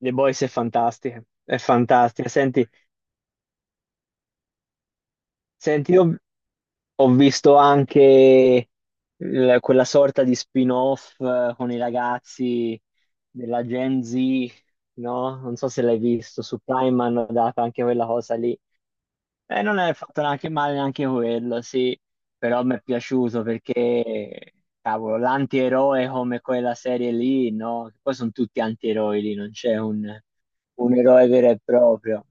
The Boys è fantastica, è fantastica. Senti, senti, io ho visto anche quella sorta di spin-off con i ragazzi della Gen Z, no? Non so se l'hai visto, su Prime hanno dato anche quella cosa lì. E non è fatto neanche male neanche quello, sì, però mi è piaciuto perché, cavolo, l'antieroe come quella serie lì, no? Poi sono tutti antieroi lì, non c'è un eroe vero e proprio.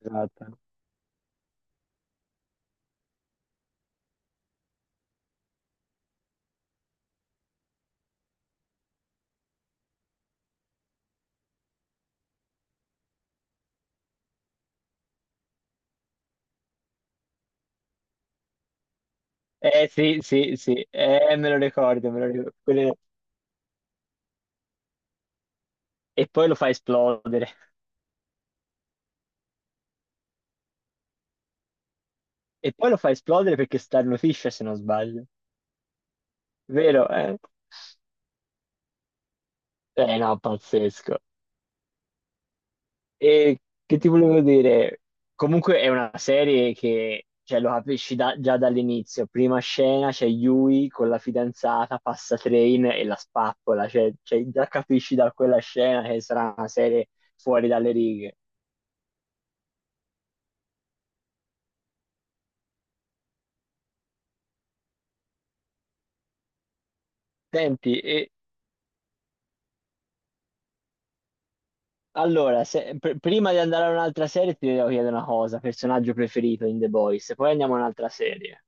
Esatto. Eh sì, sì, sì, me lo ricordo, me lo ricordo. E poi lo fa esplodere. E poi lo fa esplodere perché starnutisce, se non sbaglio. Vero, eh? Eh no, pazzesco. E che ti volevo dire? Comunque è una serie che, cioè, lo capisci già dall'inizio. Prima scena c'è Yui con la fidanzata, passa train e la spappola. Cioè, già capisci da quella scena che sarà una serie fuori dalle righe. Senti, allora, prima di andare a un'altra serie ti devo chiedere una cosa, personaggio preferito in The Boys, poi andiamo a un'altra serie.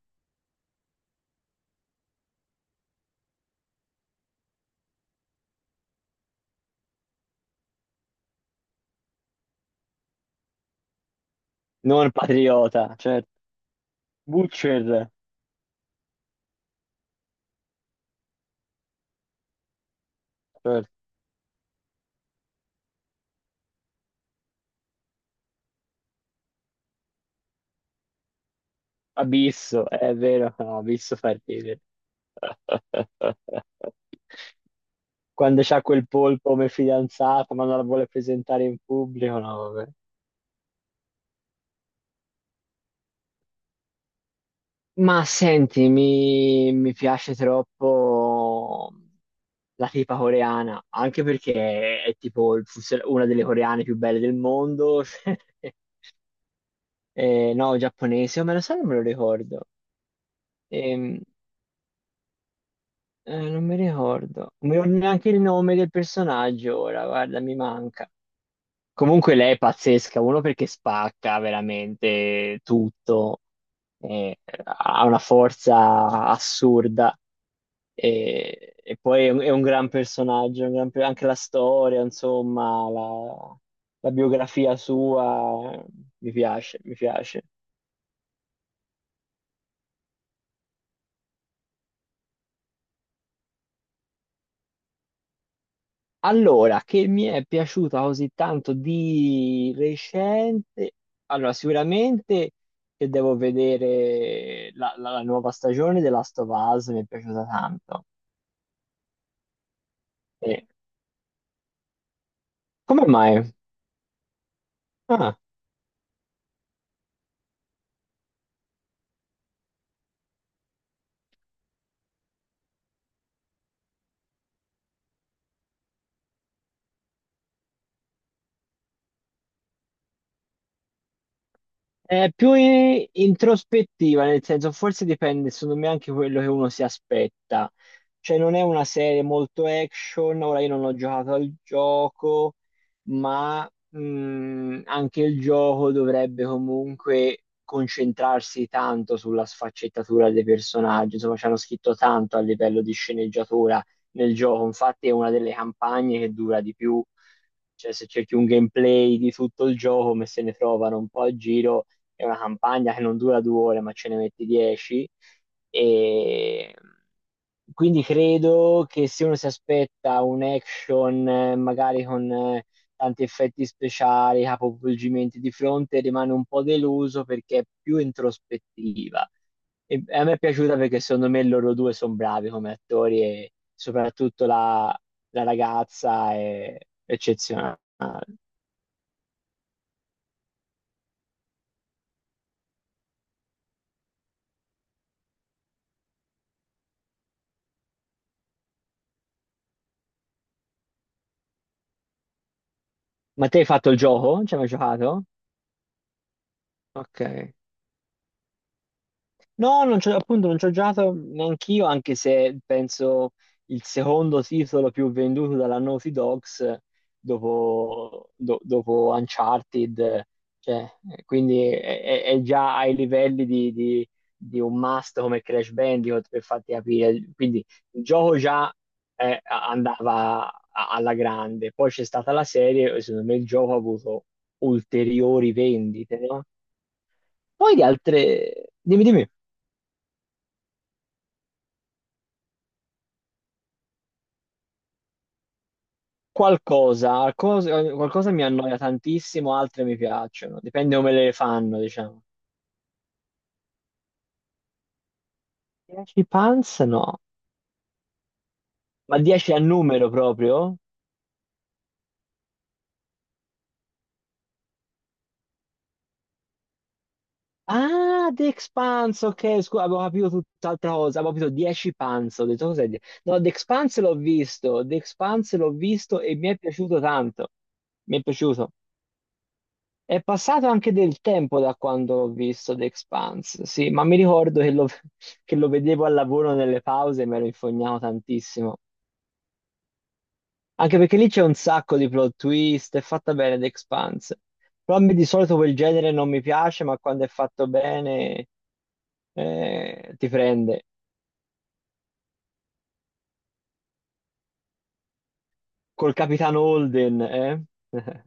Non Patriota, certo. Butcher, certo. Abisso, è vero, no, Abisso fa ridere. Quando c'ha quel polpo come fidanzata, ma non la vuole presentare in pubblico, no, vabbè. Ma senti, mi piace troppo. La tipa coreana, anche perché è tipo una delle coreane più belle del mondo. No, giapponese, o me lo sa, non me lo ricordo. Ehm, non mi ricordo, non mi ricordo neanche il nome del personaggio ora, guarda, mi manca. Comunque lei è pazzesca, uno perché spacca veramente tutto, eh, ha una forza assurda. E poi è un gran personaggio, anche la storia, insomma, la biografia sua, mi piace, mi piace. Allora, che mi è piaciuta così tanto di recente? Allora, sicuramente che devo vedere la nuova stagione della Last of Us, mi è piaciuta tanto. E- Come mai? Ah. È più introspettiva, nel senso, forse dipende, secondo me, anche quello che uno si aspetta. Cioè, non è una serie molto action. Ora io non ho giocato al gioco, ma anche il gioco dovrebbe comunque concentrarsi tanto sulla sfaccettatura dei personaggi. Insomma, ci hanno scritto tanto a livello di sceneggiatura nel gioco. Infatti, è una delle campagne che dura di più. Cioè, se cerchi un gameplay di tutto il gioco, come se ne trovano un po' a giro, è una campagna che non dura 2 ore, ma ce ne metti 10. E quindi credo che se uno si aspetta un action, magari con tanti effetti speciali, capovolgimenti di fronte, rimane un po' deluso perché è più introspettiva. E a me è piaciuta perché secondo me loro due sono bravi come attori, e soprattutto la ragazza è eccezionale. Ma te hai fatto il gioco? Ci hai mai giocato? Ok. No, non c'ho, appunto non ci ho giocato neanch'io, anche se penso il secondo titolo più venduto dalla Naughty Dogs dopo, dopo Uncharted, cioè, quindi è già ai livelli di un must come Crash Bandicoot, per farti capire. Quindi il gioco già, andava alla grande, poi c'è stata la serie e secondo me il gioco ha avuto ulteriori vendite, no? Poi di altre... Dimmi, dimmi. Qualcosa mi annoia tantissimo, altre mi piacciono, dipende come le fanno, diciamo. 10 Pants? No, ma 10 a numero proprio? Ah, The Expanse, ok, scusa, avevo capito tutt'altra cosa, avevo capito 10 Pants, ho detto cos'è? No, The Expanse l'ho visto, The Expanse l'ho visto e mi è piaciuto tanto, mi è piaciuto. È passato anche del tempo da quando l'ho visto The Expanse, sì, ma mi ricordo che lo vedevo al lavoro nelle pause e mi ero infognato tantissimo. Anche perché lì c'è un sacco di plot twist, è fatta bene The Expanse. Però a me di solito quel genere non mi piace, ma quando è fatto bene, ti prende. Col capitano Holden, eh?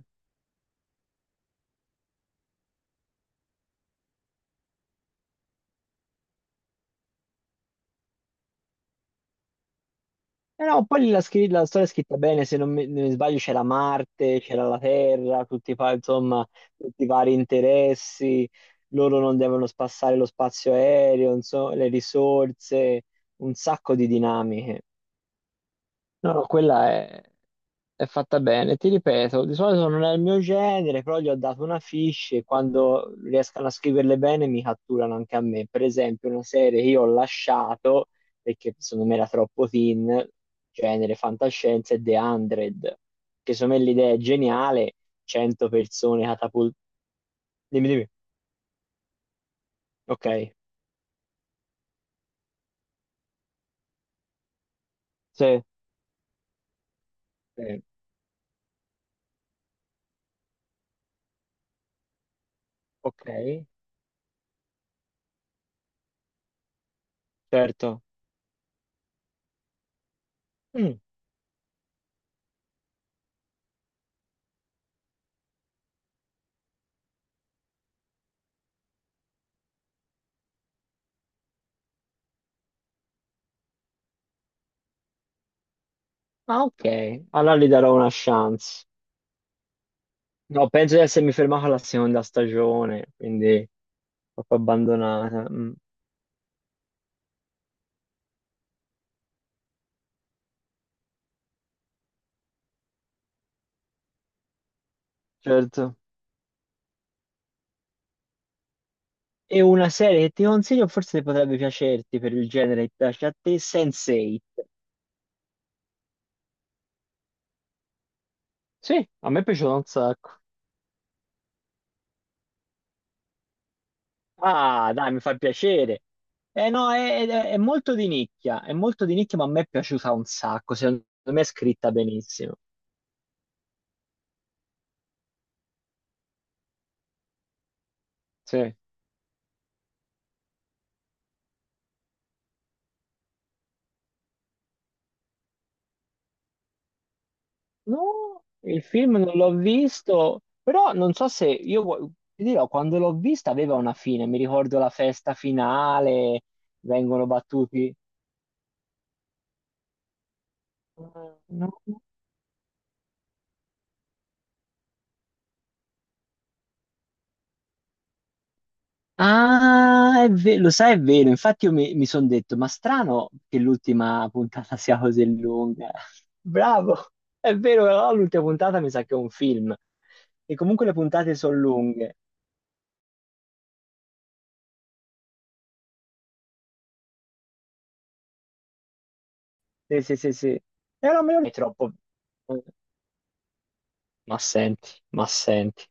Eh no, poi la storia è scritta bene, se non mi sbaglio c'era Marte, c'era la Terra, tutti, insomma, tutti i vari interessi, loro non devono spassare lo spazio aereo, insomma, le risorse, un sacco di dinamiche. No, no, quella è fatta bene, ti ripeto, di solito non è il mio genere, però gli ho dato una fiche e quando riescono a scriverle bene mi catturano anche a me. Per esempio, una serie che io ho lasciato perché secondo me era troppo teen, genere fantascienza, è The 100, che secondo me l'idea è geniale, 100 persone catapultate. Dimmi, dimmi. Ok. Sì. Sì. Ok, certo. Mm, ah, ok, allora gli darò una chance. No, penso di essermi fermato alla seconda stagione, quindi... troppo abbandonata. Mm, certo. E una serie che ti consiglio, forse potrebbe piacerti per il genere che piace a te, Sense8. Sì, a me è piaciuto un sacco. Ah, dai, mi fa piacere. Eh no, è molto di nicchia, è molto di nicchia, ma a me è piaciuta un sacco, secondo me è scritta benissimo. Sì. No, il film non l'ho visto, però non so se io ti dirò, quando l'ho vista aveva una fine, mi ricordo la festa finale, vengono battuti. No. Ah, lo sai, è vero. Infatti, io mi sono detto: ma strano che l'ultima puntata sia così lunga. Bravo, è vero, però l'ultima puntata mi sa che è un film. E comunque le puntate sono lunghe. Sì, sì, sì, sì. E non me lo ricordo troppo. Eh, Ma senti, ma senti.